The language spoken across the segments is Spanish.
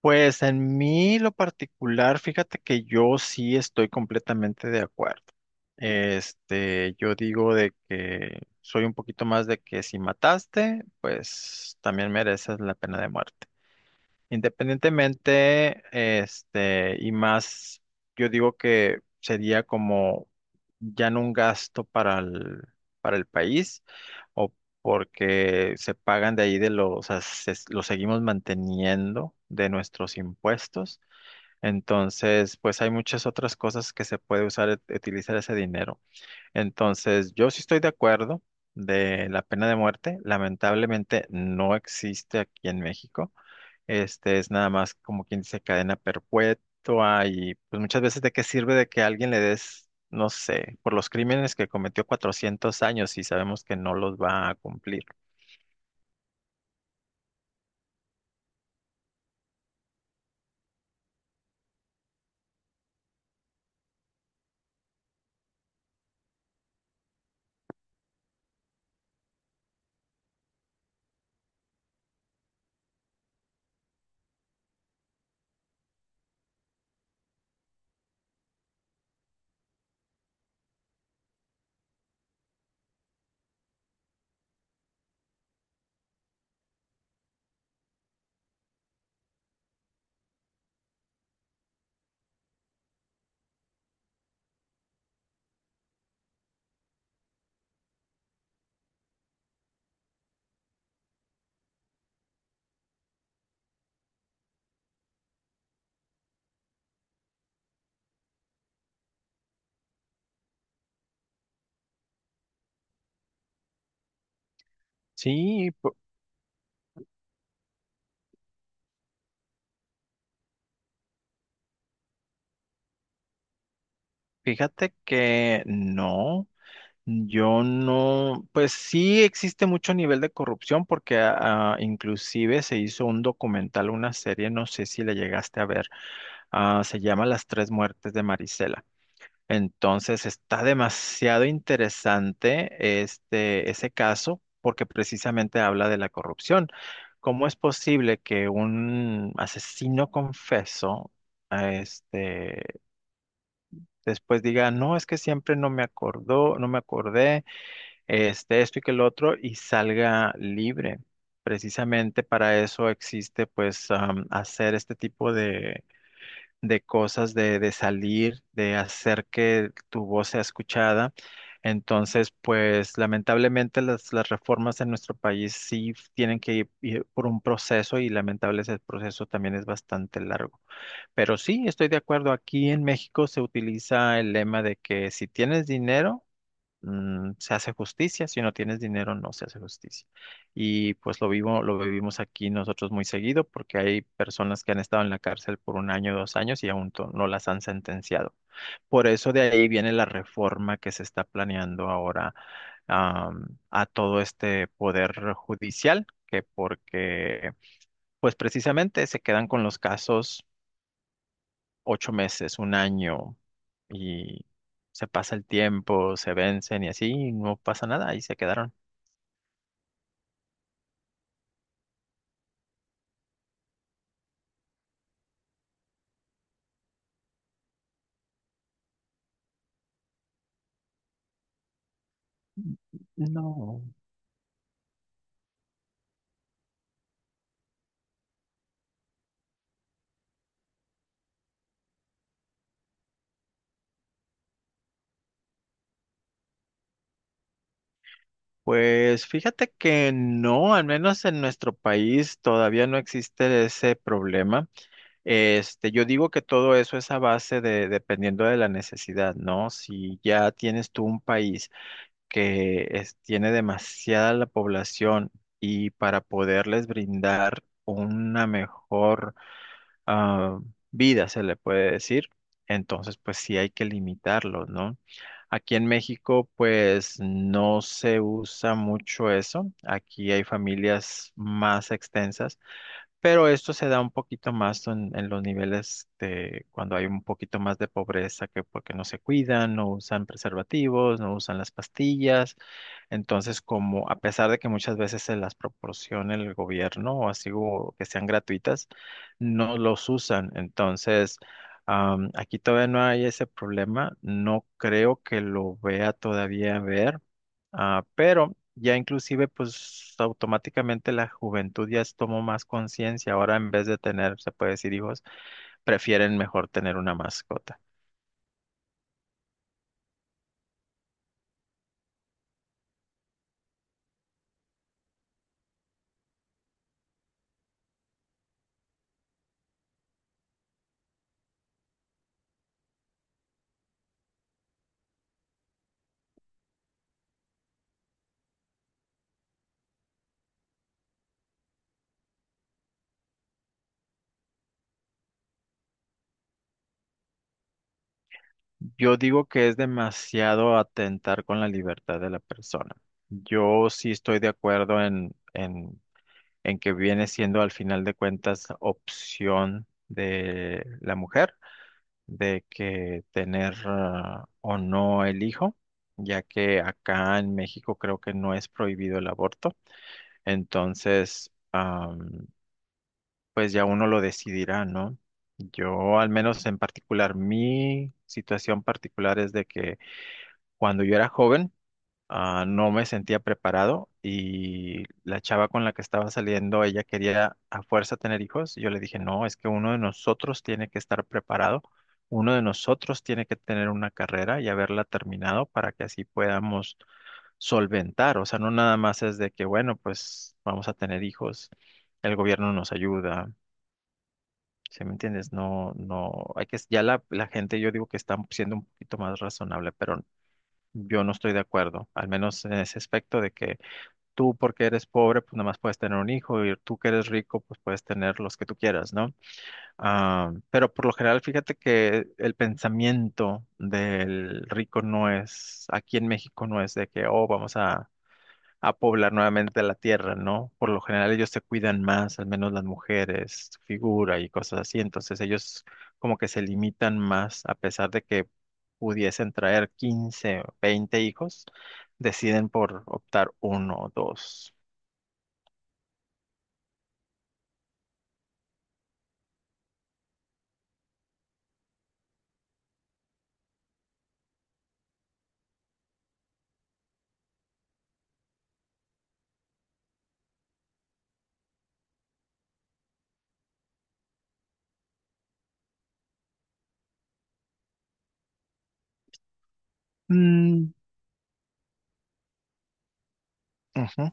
Pues en mí lo particular, fíjate que yo sí estoy completamente de acuerdo. Yo digo de que soy un poquito más de que si mataste, pues también mereces la pena de muerte. Independientemente, y más, yo digo que sería como ya no un gasto para el país o porque se pagan de ahí de los, o sea, lo seguimos manteniendo de nuestros impuestos. Entonces, pues hay muchas otras cosas que se puede usar, utilizar ese dinero. Entonces, yo sí estoy de acuerdo de la pena de muerte. Lamentablemente no existe aquí en México. Este es nada más como quien dice cadena perpetua y pues muchas veces de qué sirve de que a alguien le des, no sé, por los crímenes que cometió 400 años y sabemos que no los va a cumplir. Sí, fíjate que no, yo no, pues sí existe mucho nivel de corrupción porque inclusive se hizo un documental, una serie, no sé si la llegaste a ver. Se llama Las tres muertes de Marisela. Entonces está demasiado interesante ese caso porque precisamente habla de la corrupción. ¿Cómo es posible que un asesino confeso este después diga, no, es que siempre no me acordó, no me acordé, esto y que el otro, y salga libre? Precisamente para eso existe, pues, hacer este tipo de, cosas, de salir, de hacer que tu voz sea escuchada. Entonces, pues, lamentablemente las reformas en nuestro país sí tienen que ir por un proceso y lamentablemente ese proceso también es bastante largo. Pero sí, estoy de acuerdo. Aquí en México se utiliza el lema de que si tienes dinero, se hace justicia. Si no tienes dinero, no se hace justicia. Y pues lo vivo, lo vivimos aquí nosotros muy seguido porque hay personas que han estado en la cárcel por un año, 2 años y aún no las han sentenciado. Por eso de ahí viene la reforma que se está planeando ahora, a todo este poder judicial, que porque pues precisamente se quedan con los casos 8 meses, un año, y se pasa el tiempo, se vencen y así, y no pasa nada, y se quedaron. No. Pues fíjate que no, al menos en nuestro país todavía no existe ese problema. Yo digo que todo eso es a base de, dependiendo de la necesidad, ¿no? Si ya tienes tú un país que tiene demasiada la población y para poderles brindar una mejor ah, vida, se le puede decir. Entonces, pues sí hay que limitarlo, ¿no? Aquí en México, pues no se usa mucho eso. Aquí hay familias más extensas, pero esto se da un poquito más en los niveles de cuando hay un poquito más de pobreza, que porque no se cuidan, no usan preservativos, no usan las pastillas. Entonces, como a pesar de que muchas veces se las proporciona el gobierno o así o que sean gratuitas, no los usan. Entonces, aquí todavía no hay ese problema. No creo que lo vea todavía ver. Pero ya inclusive pues automáticamente la juventud ya tomó más conciencia. Ahora en vez de tener, se puede decir hijos, prefieren mejor tener una mascota. Yo digo que es demasiado atentar con la libertad de la persona. Yo sí estoy de acuerdo en, en que viene siendo al final de cuentas opción de la mujer de que tener o no el hijo, ya que acá en México creo que no es prohibido el aborto. Entonces, pues ya uno lo decidirá, ¿no? Yo al menos en particular, mi situación particular es de que cuando yo era joven, no me sentía preparado y la chava con la que estaba saliendo, ella quería a fuerza tener hijos. Yo le dije, no, es que uno de nosotros tiene que estar preparado, uno de nosotros tiene que tener una carrera y haberla terminado para que así podamos solventar. O sea, no nada más es de que, bueno, pues vamos a tener hijos, el gobierno nos ayuda. ¿Sí me entiendes? No, no, hay que, ya la gente, yo digo que está siendo un poquito más razonable, pero yo no estoy de acuerdo, al menos en ese aspecto de que tú porque eres pobre, pues nada más puedes tener un hijo y tú que eres rico, pues puedes tener los que tú quieras, ¿no? Pero por lo general, fíjate que el pensamiento del rico no es, aquí en México no es de que, oh, vamos a poblar nuevamente la tierra, ¿no? Por lo general ellos se cuidan más, al menos las mujeres, su figura y cosas así, entonces ellos como que se limitan más, a pesar de que pudiesen traer 15, 20 hijos, deciden por optar uno o dos. Mm, ujú,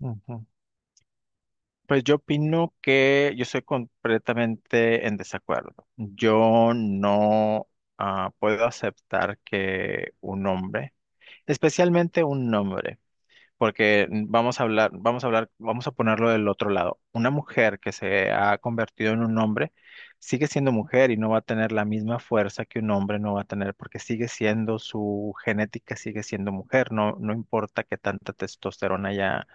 ujú. Pues yo opino que yo soy completamente en desacuerdo. Yo no puedo aceptar que un hombre, especialmente un hombre, porque vamos a hablar, vamos a hablar, vamos a ponerlo del otro lado. Una mujer que se ha convertido en un hombre sigue siendo mujer y no va a tener la misma fuerza que un hombre no va a tener porque sigue siendo su genética, sigue siendo mujer, no, no importa que tanta testosterona ella,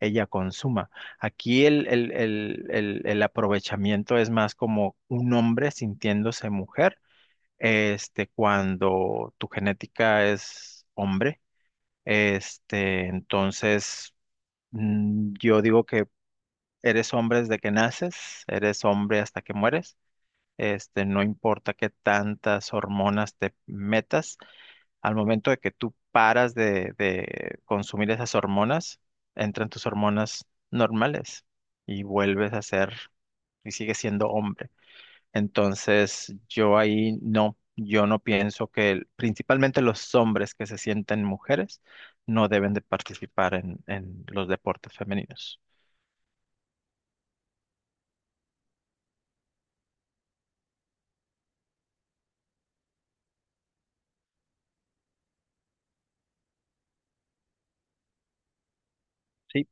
ella consuma. Aquí el aprovechamiento es más como un hombre sintiéndose mujer, cuando tu genética es hombre. Entonces, yo digo que eres hombre desde que naces, eres hombre hasta que mueres. No importa qué tantas hormonas te metas, al momento de que tú paras de, consumir esas hormonas, entran tus hormonas normales y vuelves a ser y sigues siendo hombre. Entonces, yo ahí no, yo no pienso que principalmente los hombres que se sienten mujeres no deben de participar en, los deportes femeninos. Sí.